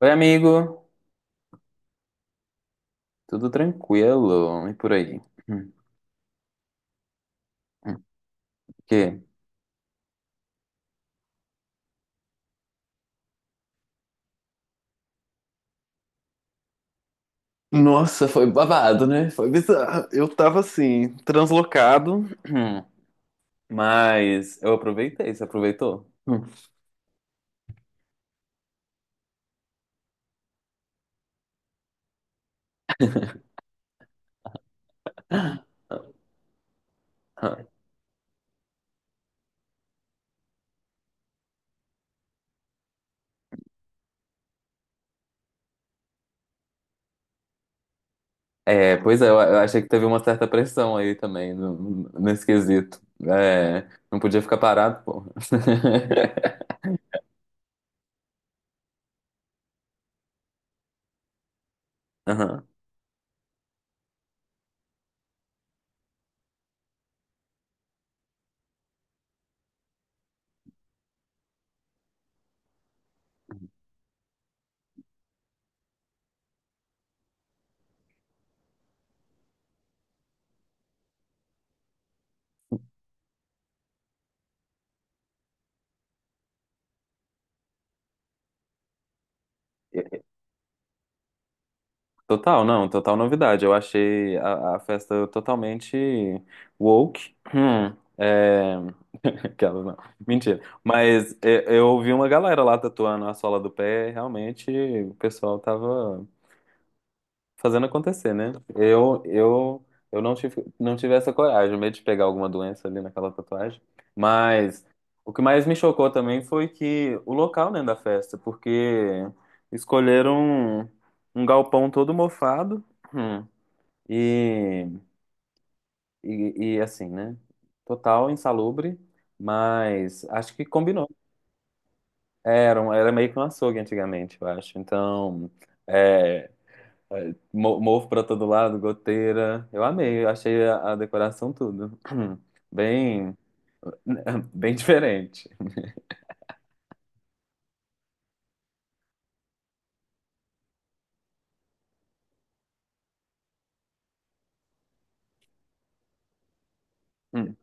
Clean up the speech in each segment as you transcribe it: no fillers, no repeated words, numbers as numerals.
Oi, amigo. Tudo tranquilo? E por aí? Hum. O quê? Nossa, foi babado, né? Foi bizarro. Eu tava assim, translocado. Hum. Mas eu aproveitei, você aproveitou? Hum. É, pois é, eu achei que teve uma certa pressão aí também nesse quesito. É, não podia ficar parado, pô. Total, não, total novidade. Eu achei a festa totalmente woke. Hum. Aquelas não, mentira. Mas é, eu ouvi uma galera lá tatuando a sola do pé, realmente o pessoal tava fazendo acontecer, né? Eu não tive, não tive essa coragem, o medo de pegar alguma doença ali naquela tatuagem. Mas o que mais me chocou também foi que o local, né, da festa, porque escolheram um, um galpão todo mofado, hum, e, e assim, né? Total insalubre, mas acho que combinou. Era meio que um açougue antigamente, eu acho. Então, é, mofo pra todo lado, goteira. Eu amei, eu achei a decoração tudo. Bem, bem diferente. Hum,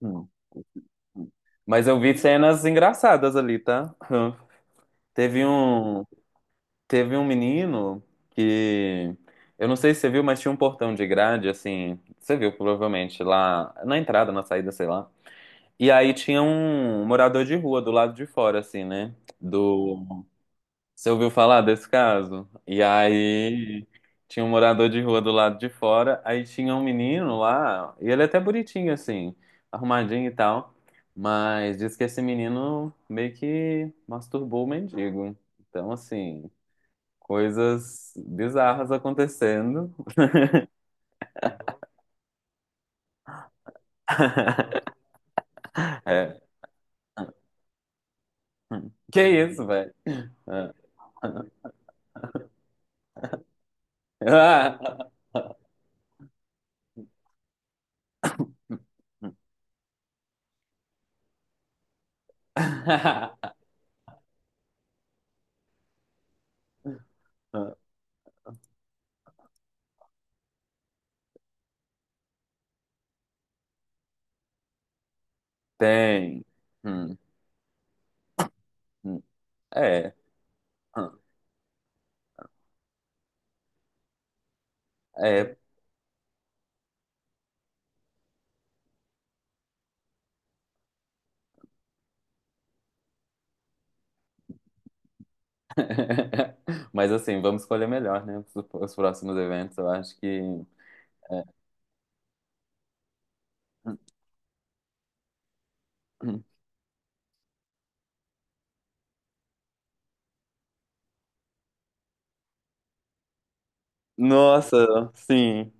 hum, hum. Mas eu vi cenas engraçadas ali, tá? Teve um, teve um menino que eu não sei se você viu, mas tinha um portão de grade assim, você viu provavelmente lá na entrada, na saída, sei lá. E aí tinha um morador de rua do lado de fora assim, né? Do Você ouviu falar desse caso? E aí tinha um morador de rua do lado de fora, aí tinha um menino lá, e ele é até bonitinho assim, arrumadinho e tal, mas diz que esse menino meio que masturbou o mendigo. Então, assim, coisas bizarras acontecendo. É. Que isso, velho? Tem. Hum, hum. É. Hum. É. Mas assim, vamos escolher melhor, né? Os próximos eventos, eu acho que. É. Nossa, sim.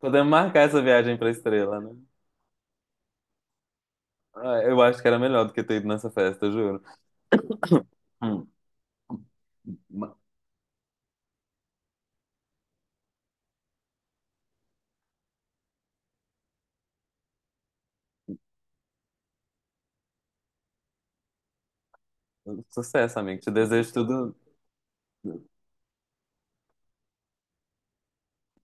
Podemos marcar essa viagem pra Estrela, né? Ah, eu acho que era melhor do que ter ido nessa festa, eu juro. Hum. Ma- Sucesso, amigo. Te desejo tudo.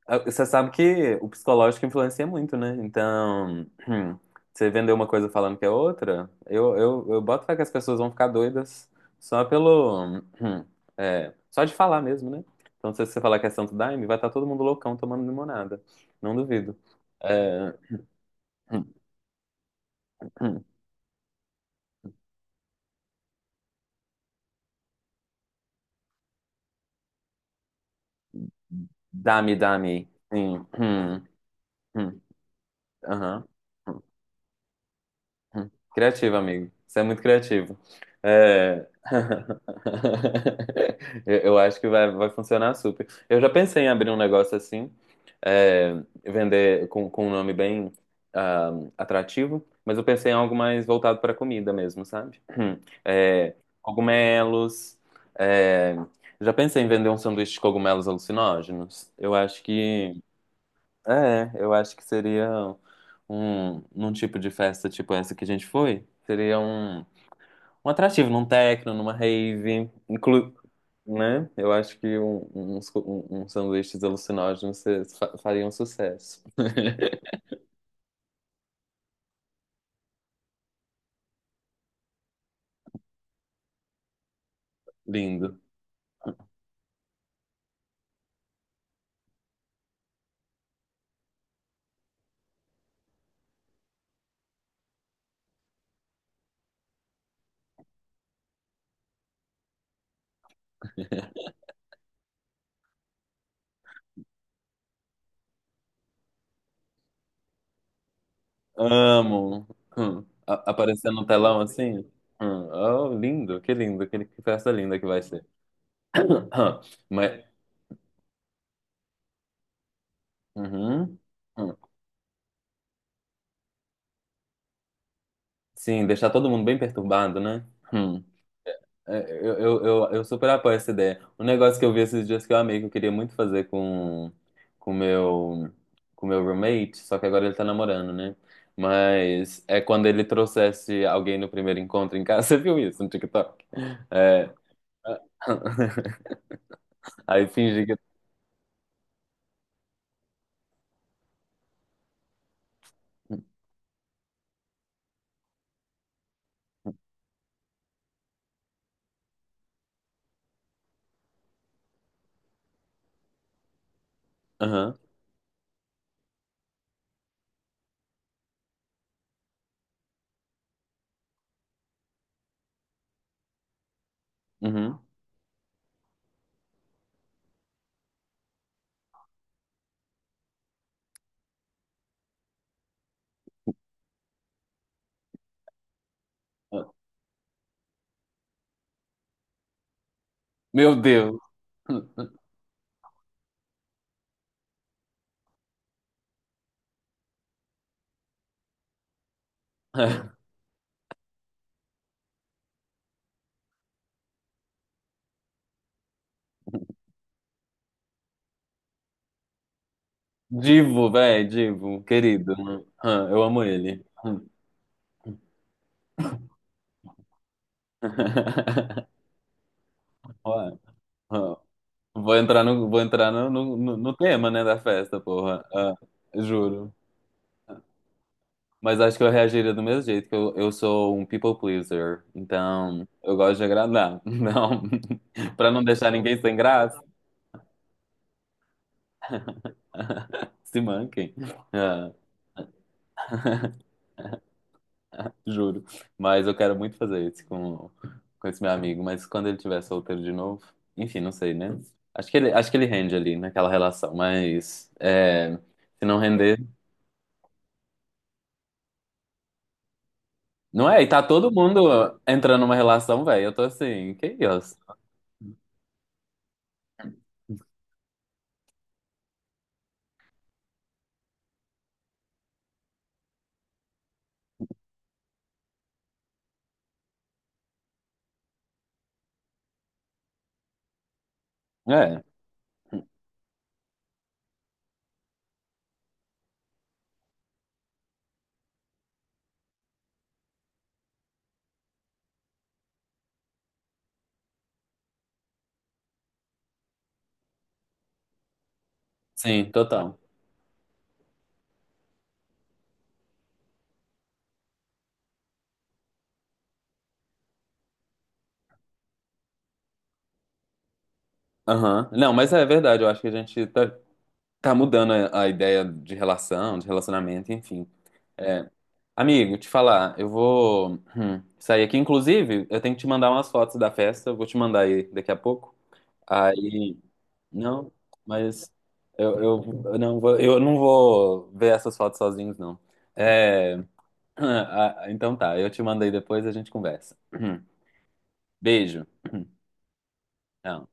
Ah, você sabe que o psicológico influencia muito, né? Então, hum, você vender uma coisa falando que é outra, eu boto fé que as pessoas vão ficar doidas só pelo. hum, hum, só de falar mesmo, né? Então, se você falar que é Santo Daime, vai estar todo mundo loucão tomando limonada. Não duvido. É, hum, hum, dame, dame. Sim. Hum, hum. Aham. Hum. Criativo, amigo. Você é muito criativo. É... eu acho que vai funcionar super. Eu já pensei em abrir um negócio assim, é, vender com um nome bem ah, atrativo, mas eu pensei em algo mais voltado para comida mesmo, sabe? É, cogumelos. é, Já pensei em vender um sanduíche de cogumelos alucinógenos. Eu acho que seria num tipo de festa tipo essa que a gente foi, seria um atrativo, num techno, numa rave, né? Eu acho que uns sanduíches alucinógenos fariam sucesso. Lindo. Amo. Hum. Aparecer no telão assim. Hum. Oh, lindo, que lindo, que festa linda que vai ser. Mas, uhum. Hum. Sim, deixar todo mundo bem perturbado, né? Hum. É, eu super apoio essa ideia. Um negócio que eu vi esses dias que eu amei, que eu queria muito fazer com meu com meu roommate, só que agora ele tá namorando, né? Mas é quando ele trouxesse alguém no primeiro encontro em casa. Você viu isso no TikTok? É, aí fingi que. Aham, uhum. Meu Deus! Divo, velho, Divo, querido. Aham, eu amo ele. Ué. Vou entrar no tema, né, da festa, porra. Ah, juro. Mas acho que eu reagiria do mesmo jeito, que eu sou um people pleaser. Então, eu gosto de agradar. Não, pra não deixar ninguém sem graça. Se manquem. Ah, juro. Mas eu quero muito fazer isso com esse meu amigo. Mas quando ele tiver solteiro de novo, enfim, não sei, né? Acho que ele rende ali naquela relação. Mas é, se não render. Não é? E tá todo mundo entrando numa relação, velho. Eu tô assim, que isso? É, sim, total. Aham. Não, mas é verdade, eu acho que a gente tá mudando a ideia de relação, de relacionamento, enfim. É. Amigo, te falar, eu vou sair aqui. Inclusive, eu tenho que te mandar umas fotos da festa, eu vou te mandar aí daqui a pouco. Aí, não, mas eu não vou ver essas fotos sozinhos, não. É. Ah, ah, então tá, eu te mandei depois e a gente conversa. Beijo. Não.